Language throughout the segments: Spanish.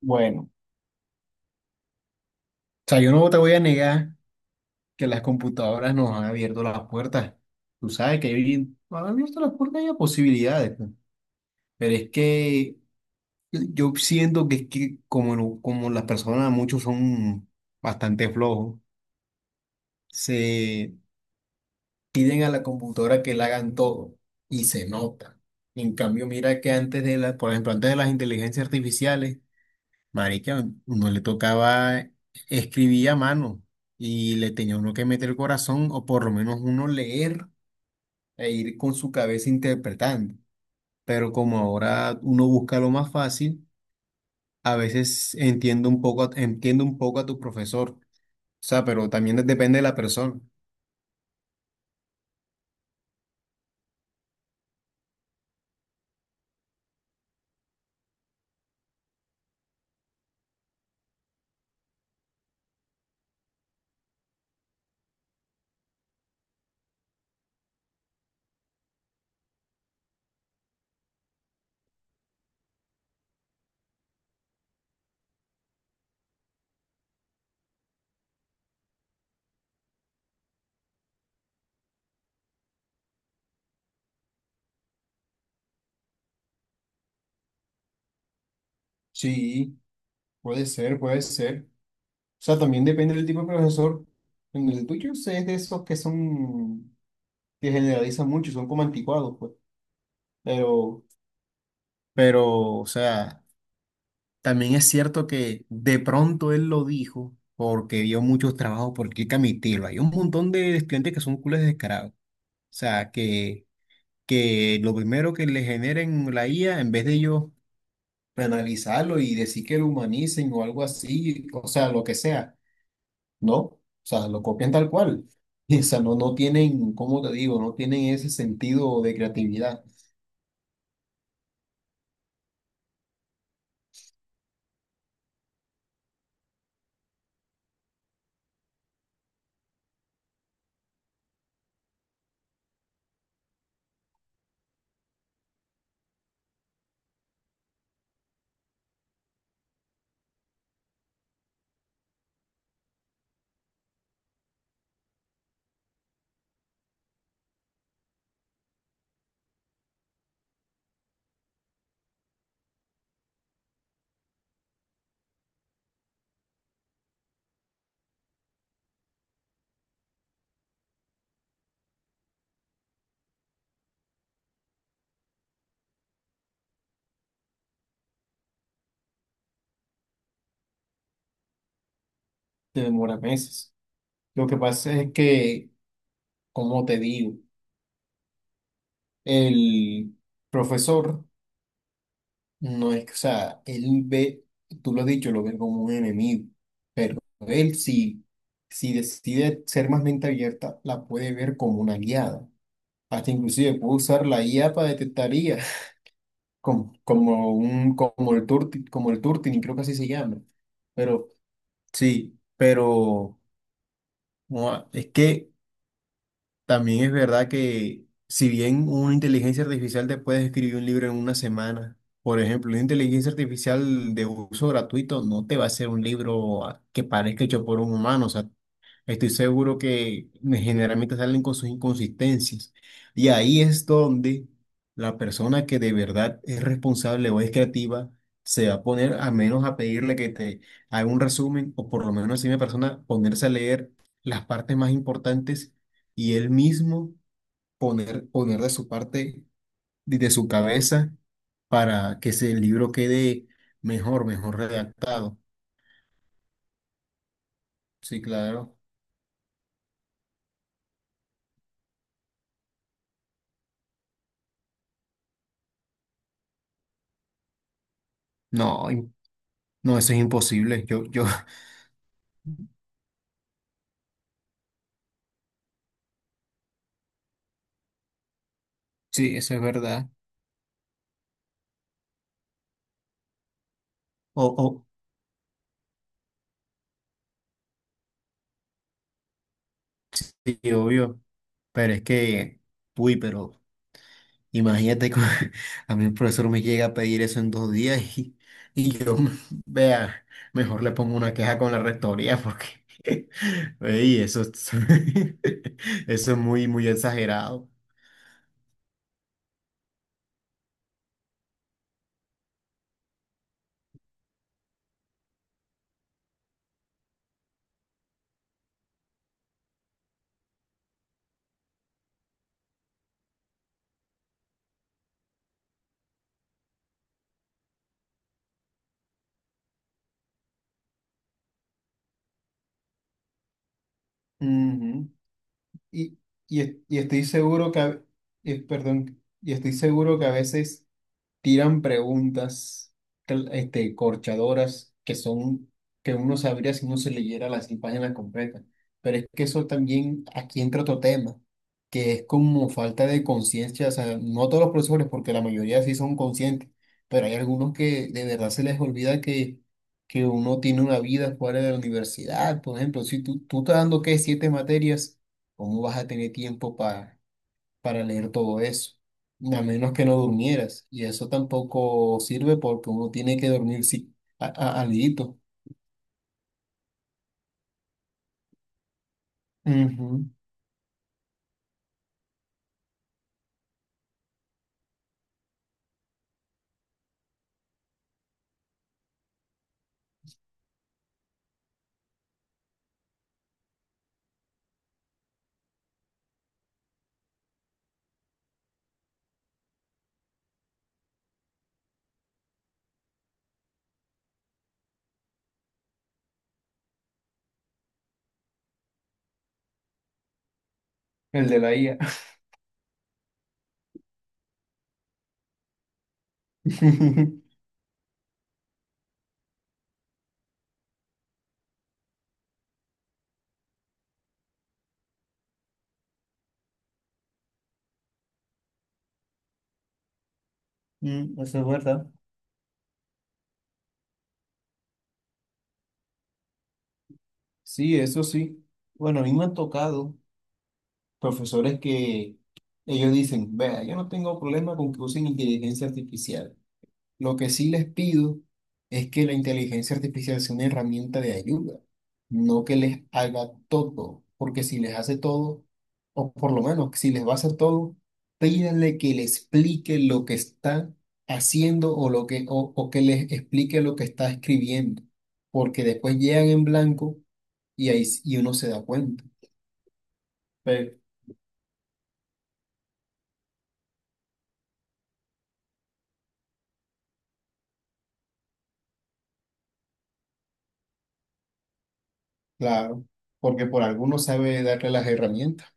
Bueno, o sea, yo no te voy a negar que las computadoras nos han abierto las puertas. Tú sabes que nos han abierto las puertas y a posibilidades, pues. Pero es que yo siento que es que como, como las personas, muchos son bastante flojos, se piden a la computadora que le hagan todo y se nota. En cambio, mira que antes de la, por ejemplo, antes de las inteligencias artificiales, marica, uno le tocaba escribir a mano y le tenía uno que meter el corazón o por lo menos uno leer e ir con su cabeza interpretando. Pero como ahora uno busca lo más fácil, a veces entiendo un poco, entiendo un poco a tu profesor. O sea, pero también depende de la persona. Sí, puede ser. O sea, también depende del tipo de profesor. En el tuyo sé es de esos que son, que generalizan mucho, son como anticuados, pues. Pero Pero, o sea, también es cierto que de pronto él lo dijo porque vio muchos trabajos por aquí Camitilo. Hay un montón de estudiantes que son culos descarados. O sea, que lo primero que le generen la IA, en vez de ellos penalizarlo y decir que lo humanicen o algo así, o sea, lo que sea, no. O sea, lo copian tal cual. O sea, no tienen, ¿cómo te digo? No tienen ese sentido de creatividad. Te demora meses. Lo que pasa es que, como te digo? El profesor no es que, o sea, él ve, tú lo has dicho, lo ve como un enemigo, pero él si, si decide ser más mente abierta, la puede ver como una aliada. Hasta inclusive puede usar la IA para detectar IA, como, como, un, como el Turti, como el Turtini, creo que así se llama. Pero sí, pero no, es que también es verdad que si bien una inteligencia artificial te puede escribir un libro en 1 semana, por ejemplo, una inteligencia artificial de uso gratuito no te va a hacer un libro que parezca hecho por un humano, o sea, estoy seguro que generalmente salen con sus inconsistencias. Y ahí es donde la persona que de verdad es responsable o es creativa se va a poner a menos a pedirle que te haga un resumen o por lo menos si una persona ponerse a leer las partes más importantes y él mismo poner de su parte, de su cabeza para que ese libro quede mejor redactado. Sí, claro. No, no, eso es imposible. Yo, yo. Sí, eso es verdad. O, o, sí, obvio. Pero es que, uy, pero imagínate que a mí el profesor me llega a pedir eso en 2 días y yo, vea, mejor le pongo una queja con la rectoría porque, ey, eso es muy exagerado. Ujú. Y, y, y estoy seguro que, perdón, y estoy seguro que a veces... tiran preguntas este, corchadoras que son que uno sabría si uno se leyera las 100 páginas completas. Pero es que eso también aquí entra otro tema, que es como falta de conciencia. O sea, no todos los profesores, porque la mayoría sí son conscientes, pero hay algunos que de verdad se les olvida que uno tiene una vida fuera de la universidad. Por ejemplo, si tú estás dando, ¿qué? 7 materias, ¿cómo vas a tener tiempo para leer todo eso, a menos que no durmieras. Y eso tampoco sirve porque uno tiene que dormir sí, alguito. Ujú. El de la IA. Mm, eso es verdad. Sí, eso sí. Bueno, a mí me han tocado profesores que ellos dicen, vea, yo no tengo problema con que usen inteligencia artificial. Lo que sí les pido es que la inteligencia artificial sea una herramienta de ayuda, no que les haga todo, porque si les hace todo, o por lo menos si les va a hacer todo, pídanle que le explique lo que está haciendo o, lo que, o que les explique lo que está escribiendo, porque después llegan en blanco y ahí y uno se da cuenta. Pero, claro, porque por alguno sabe darle las herramientas,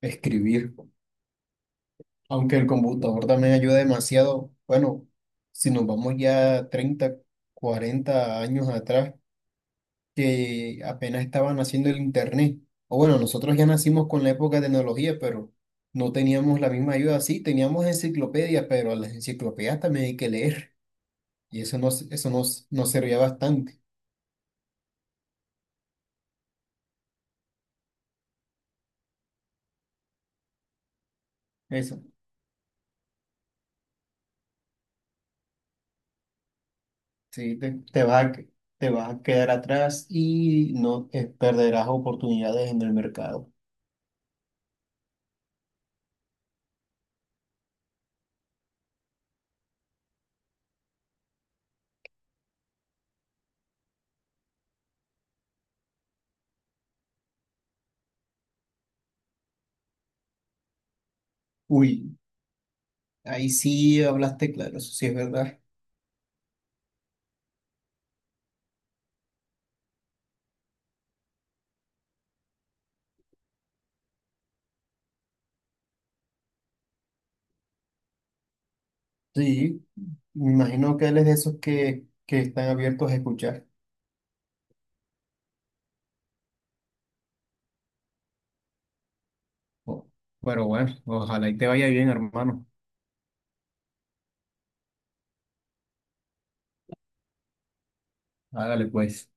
escribir. Aunque el computador también ayuda demasiado, bueno, si nos vamos ya 30, 40 años atrás, que apenas estaba naciendo el Internet. O bueno, nosotros ya nacimos con la época de tecnología, pero no teníamos la misma ayuda. Sí, teníamos enciclopedias, pero a las enciclopedias también hay que leer. Y eso nos, nos servía bastante. Eso, sí, te vas a, te vas a quedar atrás y no perderás oportunidades en el mercado. Uy. Ahí sí hablaste claro, eso sí es verdad. Sí, me imagino que él es de esos que están abiertos a escuchar. Oh, pero bueno, ojalá y te vaya bien, hermano. Hágale pues.